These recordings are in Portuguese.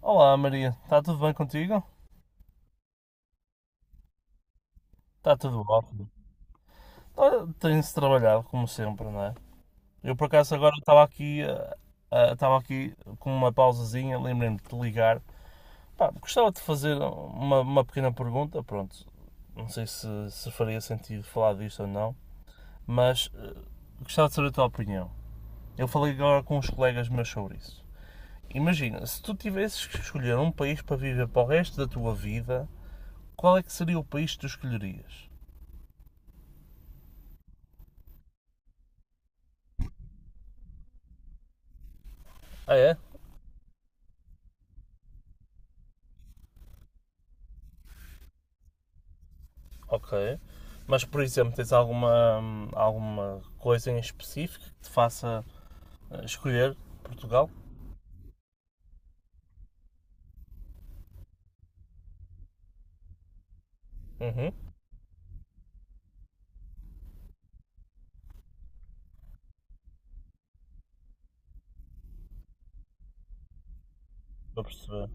Olá Maria, está tudo bem contigo? Está tudo ótimo. Olha, tem-se trabalhado como sempre, não é? Eu por acaso agora estava aqui, estava aqui com uma pausazinha, lembrei-me de te ligar. Pá, gostava de fazer uma pequena pergunta, pronto, não sei se faria sentido falar disto ou não, mas gostava de saber a tua opinião. Eu falei agora com uns colegas meus sobre isso. Imagina, se tu tivesses que escolher um país para viver para o resto da tua vida, qual é que seria o país que tu escolherias? Ah é? Ok. Mas, por exemplo, tens alguma coisa em específico que te faça escolher Portugal? Uhum. Estou a perceber.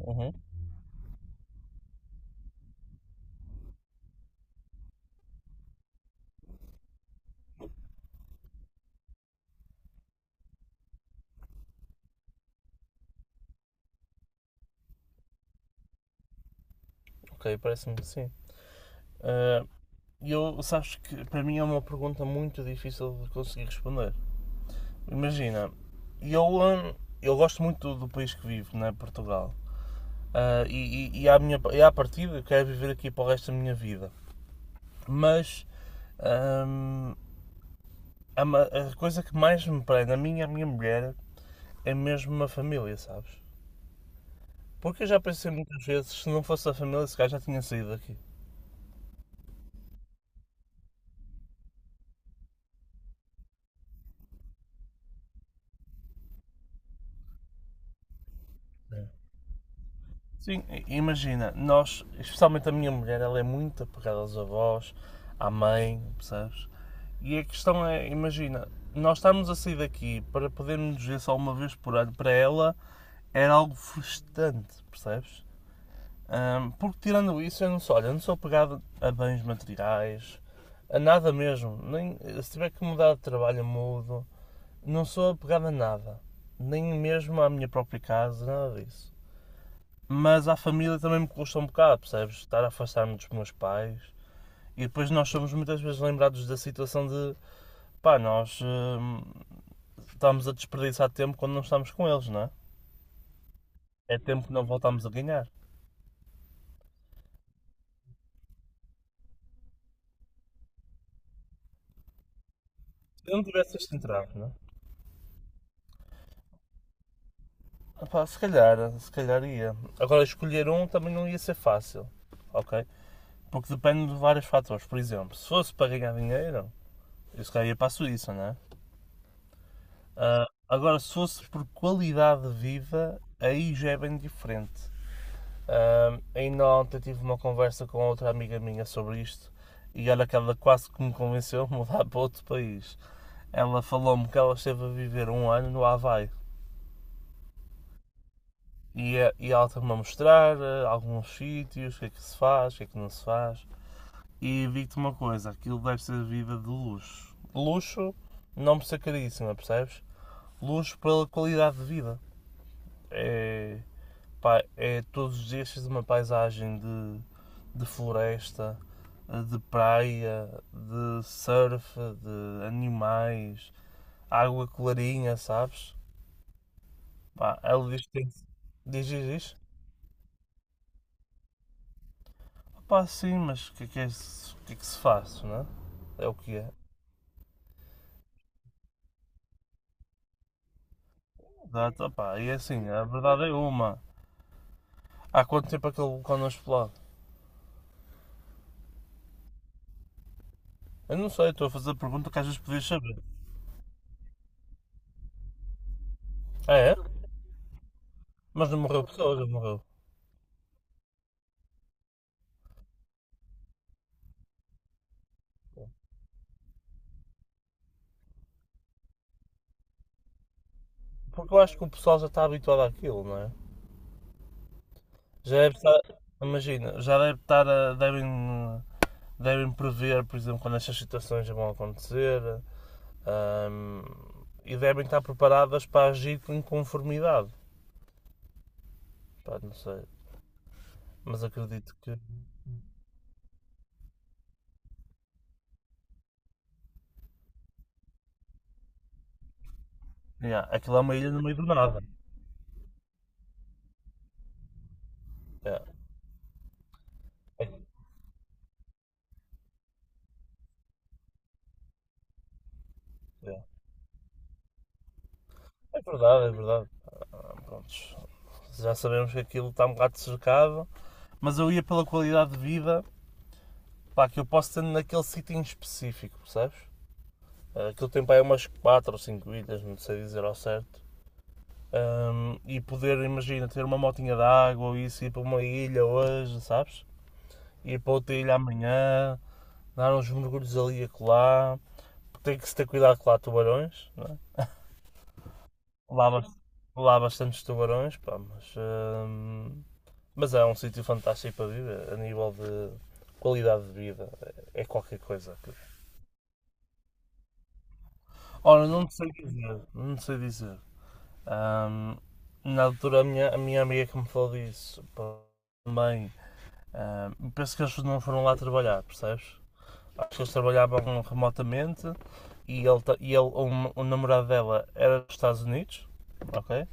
Uhum. Ok, parece-me que sim. Eh, eu, sabes que para mim é uma pergunta muito difícil de conseguir responder. Imagina, eu, hum, eu gosto muito do país que vivo, né, Portugal. E à partida eu quero viver aqui para o resto da minha vida. Mas hum, a coisa que mais me prende a mim e a minha mulher é mesmo uma família, sabes? Porque eu já pensei muitas vezes, se não fosse a família, esse gajo já tinha saído daqui. Sim, imagina, nós, especialmente a minha mulher, ela é muito apegada aos avós, à mãe, percebes? E a questão é, imagina, nós estarmos a sair daqui para podermos nos ver só uma vez por ano, para ela era algo frustrante, percebes? Porque tirando isso, eu não sou, olha, eu não sou apegado a bens materiais, a nada mesmo. Nem, se tiver que mudar de trabalho, eu mudo. Não sou apegado a nada. Nem mesmo à minha própria casa, nada disso. Mas à família também me custa um bocado, percebes? Estar a afastar-me dos meus pais. E depois nós somos muitas vezes lembrados da situação de pá, nós estamos a desperdiçar tempo quando não estamos com eles, não é? É tempo que não voltamos a ganhar. Se eu não tivesse este entrave, não é? Ah pá, se calhar ia. Agora, escolher um também não ia ser fácil, ok? Porque depende de vários fatores. Por exemplo, se fosse para ganhar dinheiro, eu se calhar ia para a Suíça, não é? Ah, agora, se fosse por qualidade de vida, aí já é bem diferente. Ah, ainda ontem tive uma conversa com outra amiga minha sobre isto e olha que ela quase que me convenceu a mudar para outro país. Ela falou-me que ela esteve a viver um ano no Havaí e ela estava-me a mostrar alguns sítios, o que é que se faz, o que é que não se faz. E digo-te uma coisa, aquilo deve ser vida de luxo. Luxo não por ser caríssima, percebes? Luxo pela qualidade de vida. É, pá, é todos os dias uma paisagem de floresta, de praia, de surf, de animais, água clarinha, sabes? Pá, ela diz que tem que- Diz, diz, diz. Pá, sim, o que é que se faz, não é? É o que é. Exato, pá, e é assim, a verdade é uma. Há quanto tempo aquele vulcão não explode? Eu não sei, estou a fazer a pergunta que às vezes podias saber. Ah, é? Mas não morreu pessoas, não morreu. Porque eu acho que o pessoal já está habituado àquilo, não é? Já deve estar, imagina, já deve estar a, devem, devem prever, por exemplo, quando estas situações já vão acontecer, ahm, e devem estar preparadas para agir com conformidade. Pá, não sei, mas acredito que yeah, aquilo é uma ilha no meio do nada. Yeah, é, yeah. É verdade, é verdade. Ah, prontos. Já sabemos que aquilo está um bocado cercado, mas eu ia pela qualidade de vida pá, que eu posso ter naquele sítio em específico, percebes? Ah, aquilo tem para aí umas 4 ou 5 ilhas, não sei dizer ao certo. E poder, imagina, ter uma motinha de água ou isso, ir para uma ilha hoje, sabes? Ir para outra ilha amanhã, dar uns mergulhos ali e acolá. Tem que se ter cuidado com lá tubarões, não é? Lá, bas- lá bastantes tubarões, pá, mas é um sítio fantástico para viver, a nível de qualidade de vida, é qualquer coisa. Aquilo. Ora, não sei dizer, não sei dizer. Ahm, na altura, a minha amiga que me falou disso pá, também. Penso que eles não foram lá trabalhar, percebes? Acho que eles trabalhavam remotamente e o namorado dela era dos Estados Unidos, ok?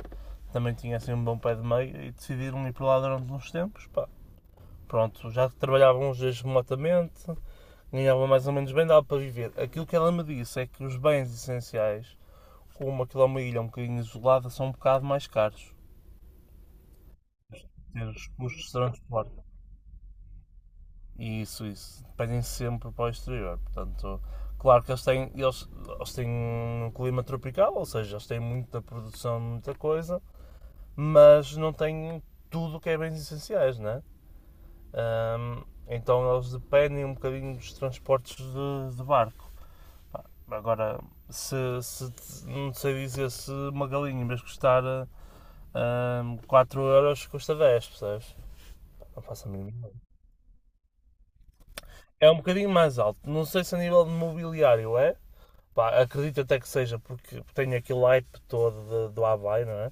Também tinha assim um bom pé de meio e decidiram ir para lá durante uns tempos, pá. Pronto, já trabalhavam uns dias remotamente, ganhavam mais ou menos bem, dava para viver. Aquilo que ela me disse é que os bens essenciais, como aquilo é uma ilha um bocadinho isolada, são um bocado mais caros. Ter os custos de transporte e isso, dependem sempre para o exterior. Portanto, claro que eles têm um clima tropical, ou seja, eles têm muita produção de muita coisa, mas não têm tudo que é bens essenciais, né? Hum, então eles dependem um bocadinho dos transportes de barco. Agora, se, se não sei dizer se uma galinha, em vez de custar 4 euros, custa 10, percebes? Não faço a mínima. É um bocadinho mais alto. Não sei se a nível de mobiliário é. Pá, acredito até que seja porque tem aquele hype todo de- do Havaí, não é?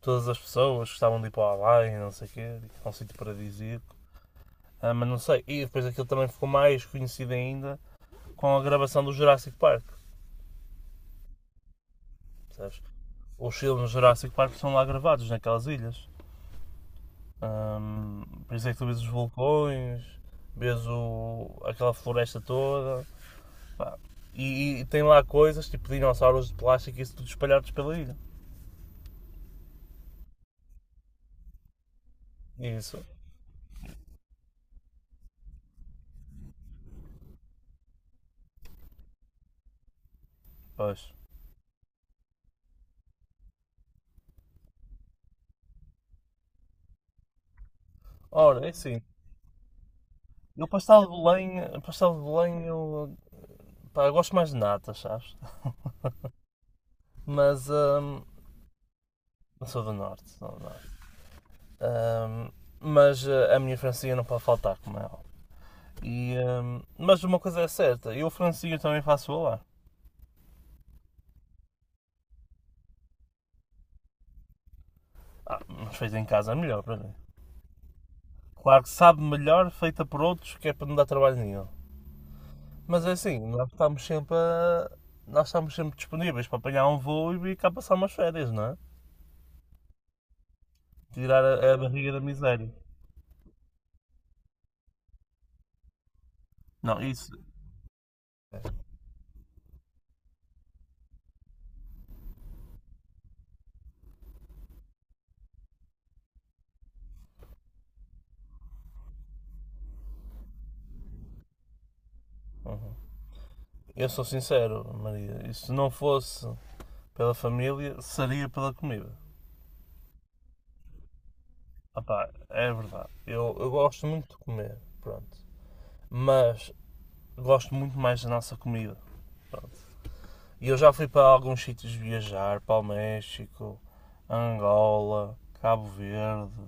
Todas as pessoas gostavam de ir para o Havaí, não sei o quê, é um sítio paradisíaco. Ah, mas não sei. E depois aquilo também ficou mais conhecido ainda com a gravação do Jurassic Park. Sabes? Os filmes do Jurassic Park são lá gravados, naquelas ilhas. Por isso é que tu vês os vulcões, aquela floresta toda. Pá. E tem lá coisas tipo dinossauros de plástico e isso tudo espalhados pela ilha. Isso, pois. Ora, é assim. Eu pastel de Belém eu, pá, eu gosto mais de nata, sabes? Mas eu sou do norte, sou do norte. Hum, mas a minha francinha não pode faltar, como é óbvio. E, mas uma coisa é certa, eu francinha também faço lá. Ah, mas feita em casa é melhor para mim. Claro que sabe melhor feita por outros, que é para não dar trabalho nenhum. Mas é assim, nós estamos sempre disponíveis para apanhar um voo e vir cá passar umas férias, não é? Tirar a barriga da miséria. Não, isso. Uhum. Eu sou sincero, Maria. Isso não fosse pela família, seria pela comida. Opá, é verdade. Eu gosto muito de comer, pronto. Mas gosto muito mais da nossa comida. Pronto. E eu já fui para alguns sítios viajar, para o México, Angola, Cabo Verde,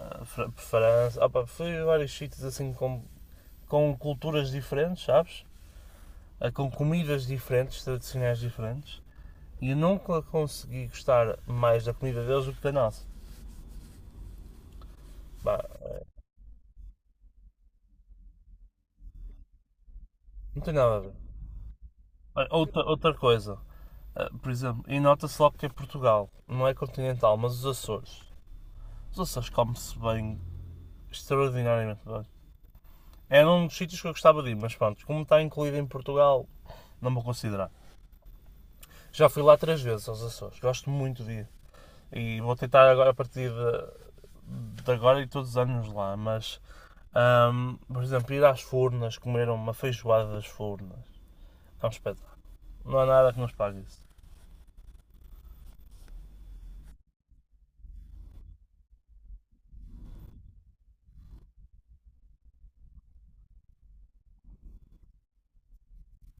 para França, opa, fui a vários sítios assim com culturas diferentes, sabes? Ah, com comidas diferentes, tradicionais diferentes. E eu nunca consegui gostar mais da comida deles do que da nossa. Pá, não tem nada a ver. Outra coisa, ah, por exemplo, e nota-se logo que é Portugal, não é continental, mas os Açores. Os Açores come-se bem, extraordinariamente bem. Era um dos sítios que eu gostava de ir, mas pronto, como está incluído em Portugal, não vou considerar. Já fui lá 3 vezes aos Açores, gosto muito de ir. E vou tentar agora a partir de agora e todos os anos lá, mas por exemplo, ir às Furnas, comer uma feijoada das Furnas. É um espetáculo. Não há nada que nos pague isso.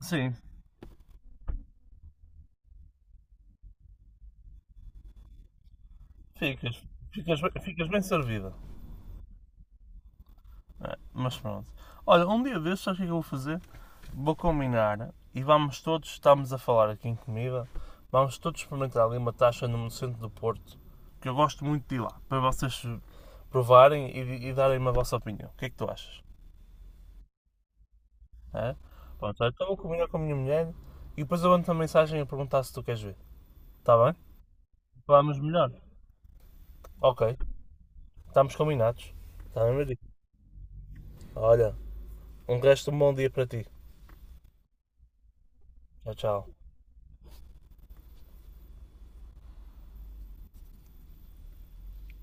Sim. Ficas, ficas, ficas bem servida. É, mas pronto. Olha, um dia destes, sabes o que é que eu vou fazer? Vou combinar e vamos todos, estamos a falar aqui em comida, vamos todos experimentar ali uma taxa no centro do Porto, que eu gosto muito de ir lá, para vocês provarem e darem-me a vossa opinião. O que é que tu achas? É? Pronto, olha, então vou combinar com a minha mulher e depois eu mando-te uma mensagem a perguntar se tu queres ver. Está bem? Falamos melhor. Ok, estamos combinados. Está bem, meu Maria? Olha, um resto de um bom dia para ti. Tchau, tchau.